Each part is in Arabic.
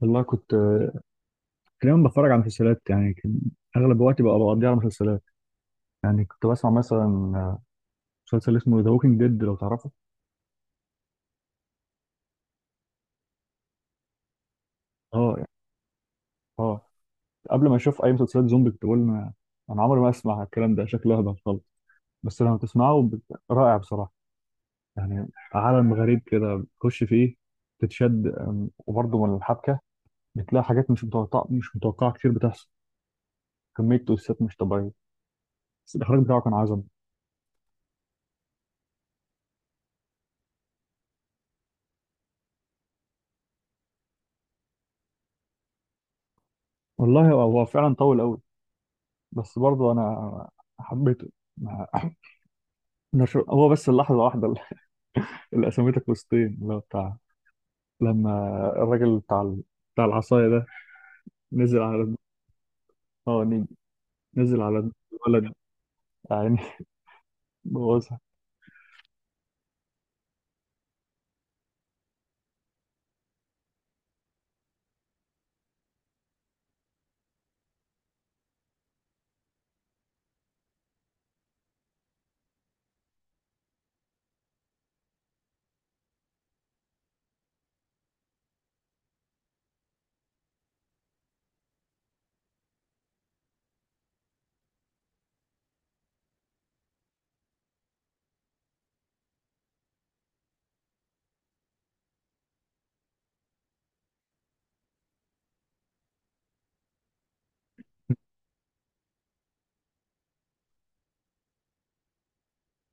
والله كنت دايما بتفرج على مسلسلات، يعني كان اغلب وقتي بقى بقضيه على مسلسلات. يعني كنت بسمع مثلا آه، مسلسل اسمه ذا ووكينج ديد لو تعرفه. اه، يعني اه قبل ما اشوف اي مسلسلات زومبي كنت بقول أنا عمري ما اسمع الكلام ده، شكله هبل خالص. بس لما تسمعه رائع بصراحه، يعني عالم غريب كده بتخش فيه تتشد، وبرضه من الحبكه بتلاقي حاجات مش متوقعه، مش متوقعه كتير بتحصل، كميه تويستات مش طبيعيه. بس الاخراج بتاعه كان عظمه. والله هو فعلا طول قوي، بس برضه انا حبيته. ما- هو بس اللحظه واحده اللي اللي قسمتك وسطين اللي هو بتاع لما الراجل بتاع العصايه ده نزل على اه نيجي نزل على دم الولد يعني بوظها.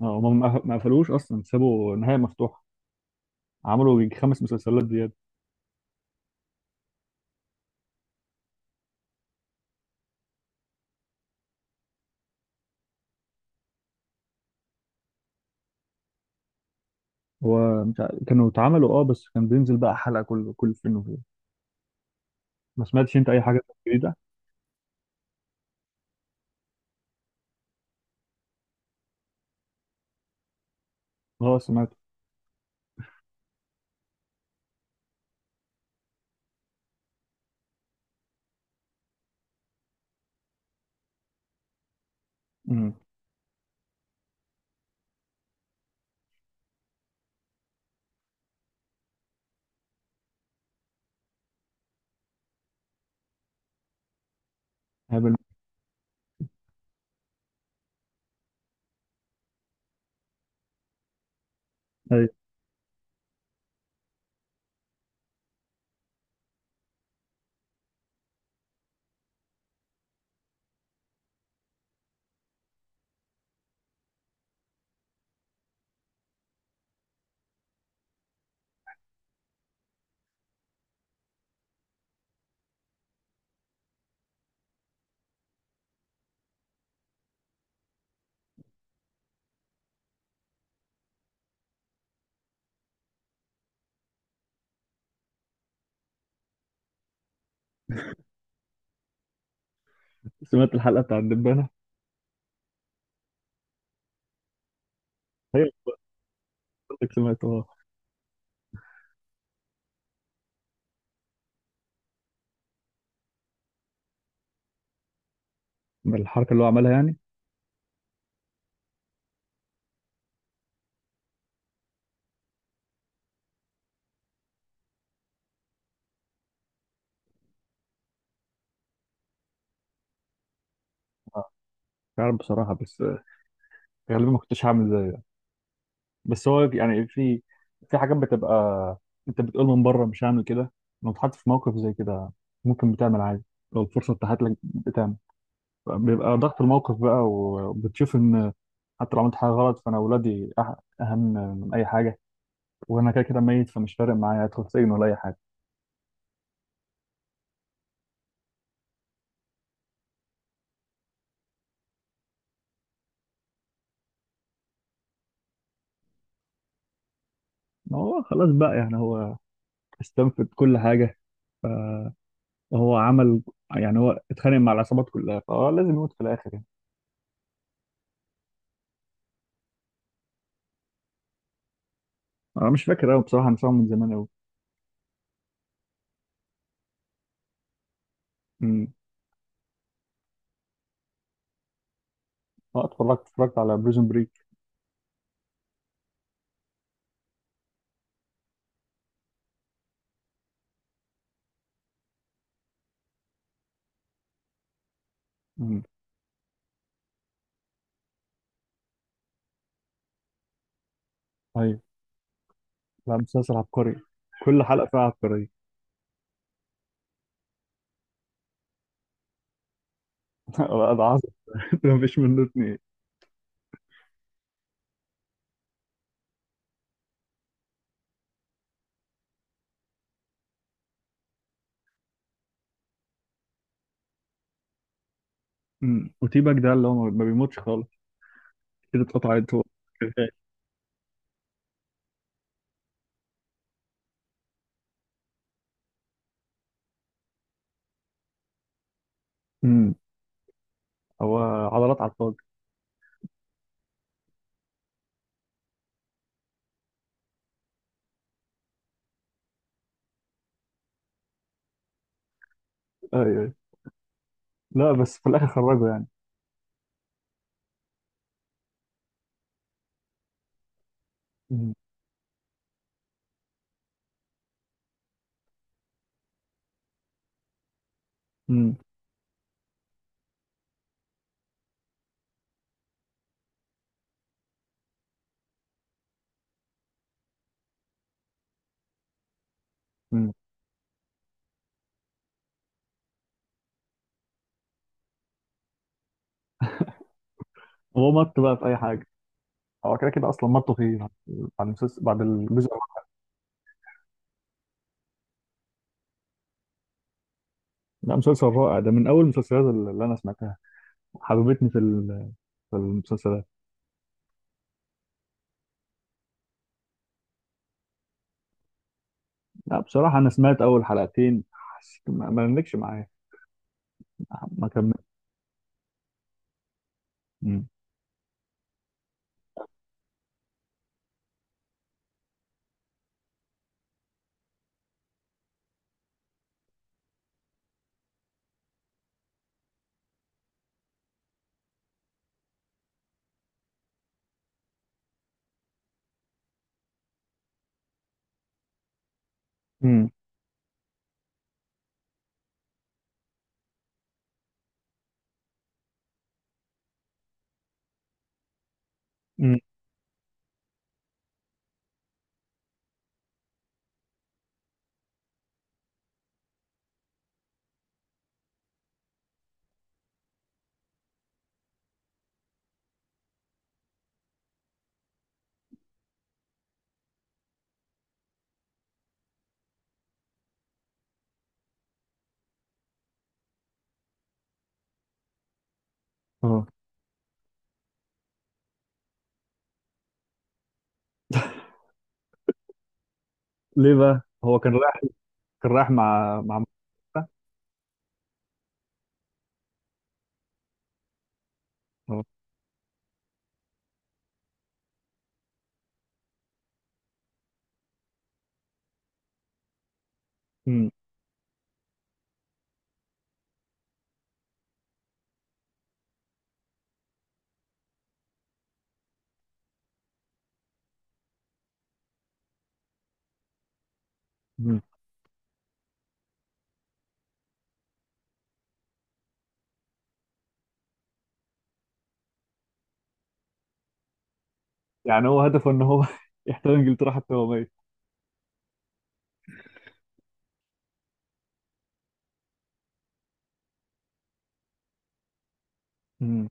اه هم ما قفلوش اصلا، سابوا نهايه مفتوحه، عملوا يجي خمس مسلسلات زياده. هو مش عارف- كانوا اتعملوا اه، بس كان بينزل بقى حلقه كل فين وفين. ما سمعتش انت اي حاجه جديده؟ اه سمعت. امم. هبل. أيوة. سمعت الحلقه بتاع الدبانه. هي، قصدك سمعت. بالحركه اللي هو عملها يعني؟ آه، مش عارف بصراحه، بس غالبا ما كنتش هعمل زيه يعني. بس هو يعني في في حاجات بتبقى، انت بتقول من بره مش هعمل كده، لو اتحطيت في موقف زي كده ممكن بتعمل عادي، لو الفرصه اتاحت لك بتعمل. بيبقى ضغط الموقف بقى وبتشوف ان حتى لو عملت حاجه غلط فانا اولادي اهم من اي حاجه، وانا كده كده ميت فمش فارق معايا ادخل سجن ولا اي حاجه. ما هو خلاص بقى يعني هو استنفذ كل حاجه، هو عمل يعني هو اتخانق مع العصابات كلها فهو لازم يموت في الاخر يعني. انا مش فاكر قوي بصراحه، انا سامعه من زمان قوي. امم. اه اتفرجت، اتفرجت على بريزون بريك. امم. ايوه. لا مسلسل عبقري، كل حلقه فيها عبقريه. لا، ده عظم. ما فيش منه اتنين. امم. وتيباك ده اللي هو ما بيموتش خالص كده اتقطعت هو شغال. امم. هو عضلات على الفاضي. ايوه. أيوة. لا بس في الاخر خرجه يعني. امم. امم. أمم. هو مط بقى في اي حاجه، هو كده كده اصلا مطوا فيه بعد المسلسل بعد الجزء الرابع. لا مسلسل رائع، ده من اول المسلسلات اللي انا سمعتها، حببتني في في المسلسلات. لا بصراحة أنا سمعت أول حلقتين حسيت ما نملكش معايا، ما كملت. مم. امم. امم. اه. ليه بقى؟ هو كان رايح كان رايح مع اه. امم. امم. يعني هو هدفه إن هو يحتل إنجلترا حتى وهو ميت. امم.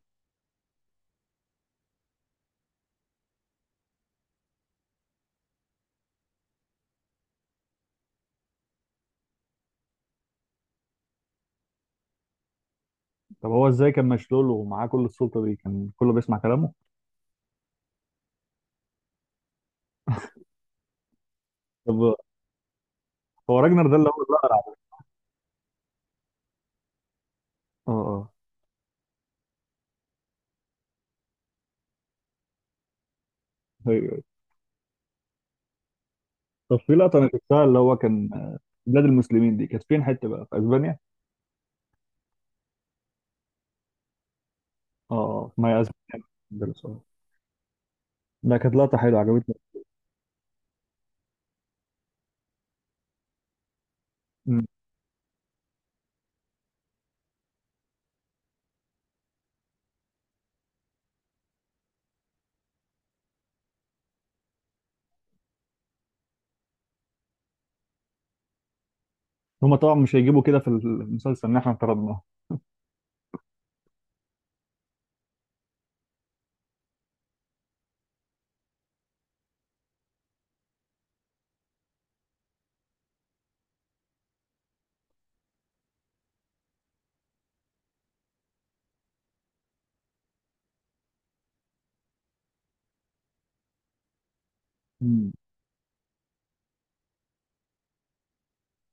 طب هو إزاي كان مشلول ومعاه كل السلطة دي؟ كان كله بيسمع كلامه؟ طب هو راجنر ده اللي هو الأقرع ده. اه اه. أيوه. طب في لقطة أنا شفتها اللي هو كان بلاد المسلمين دي كانت فين حتة بقى؟ في أسبانيا؟ اه اه ما هي أسبانيا، ده السؤال. ده كانت لقطة حلوة عجبتني. هما طبعا مش هيجيبوا كده في المسلسل اللي احنا افترضناه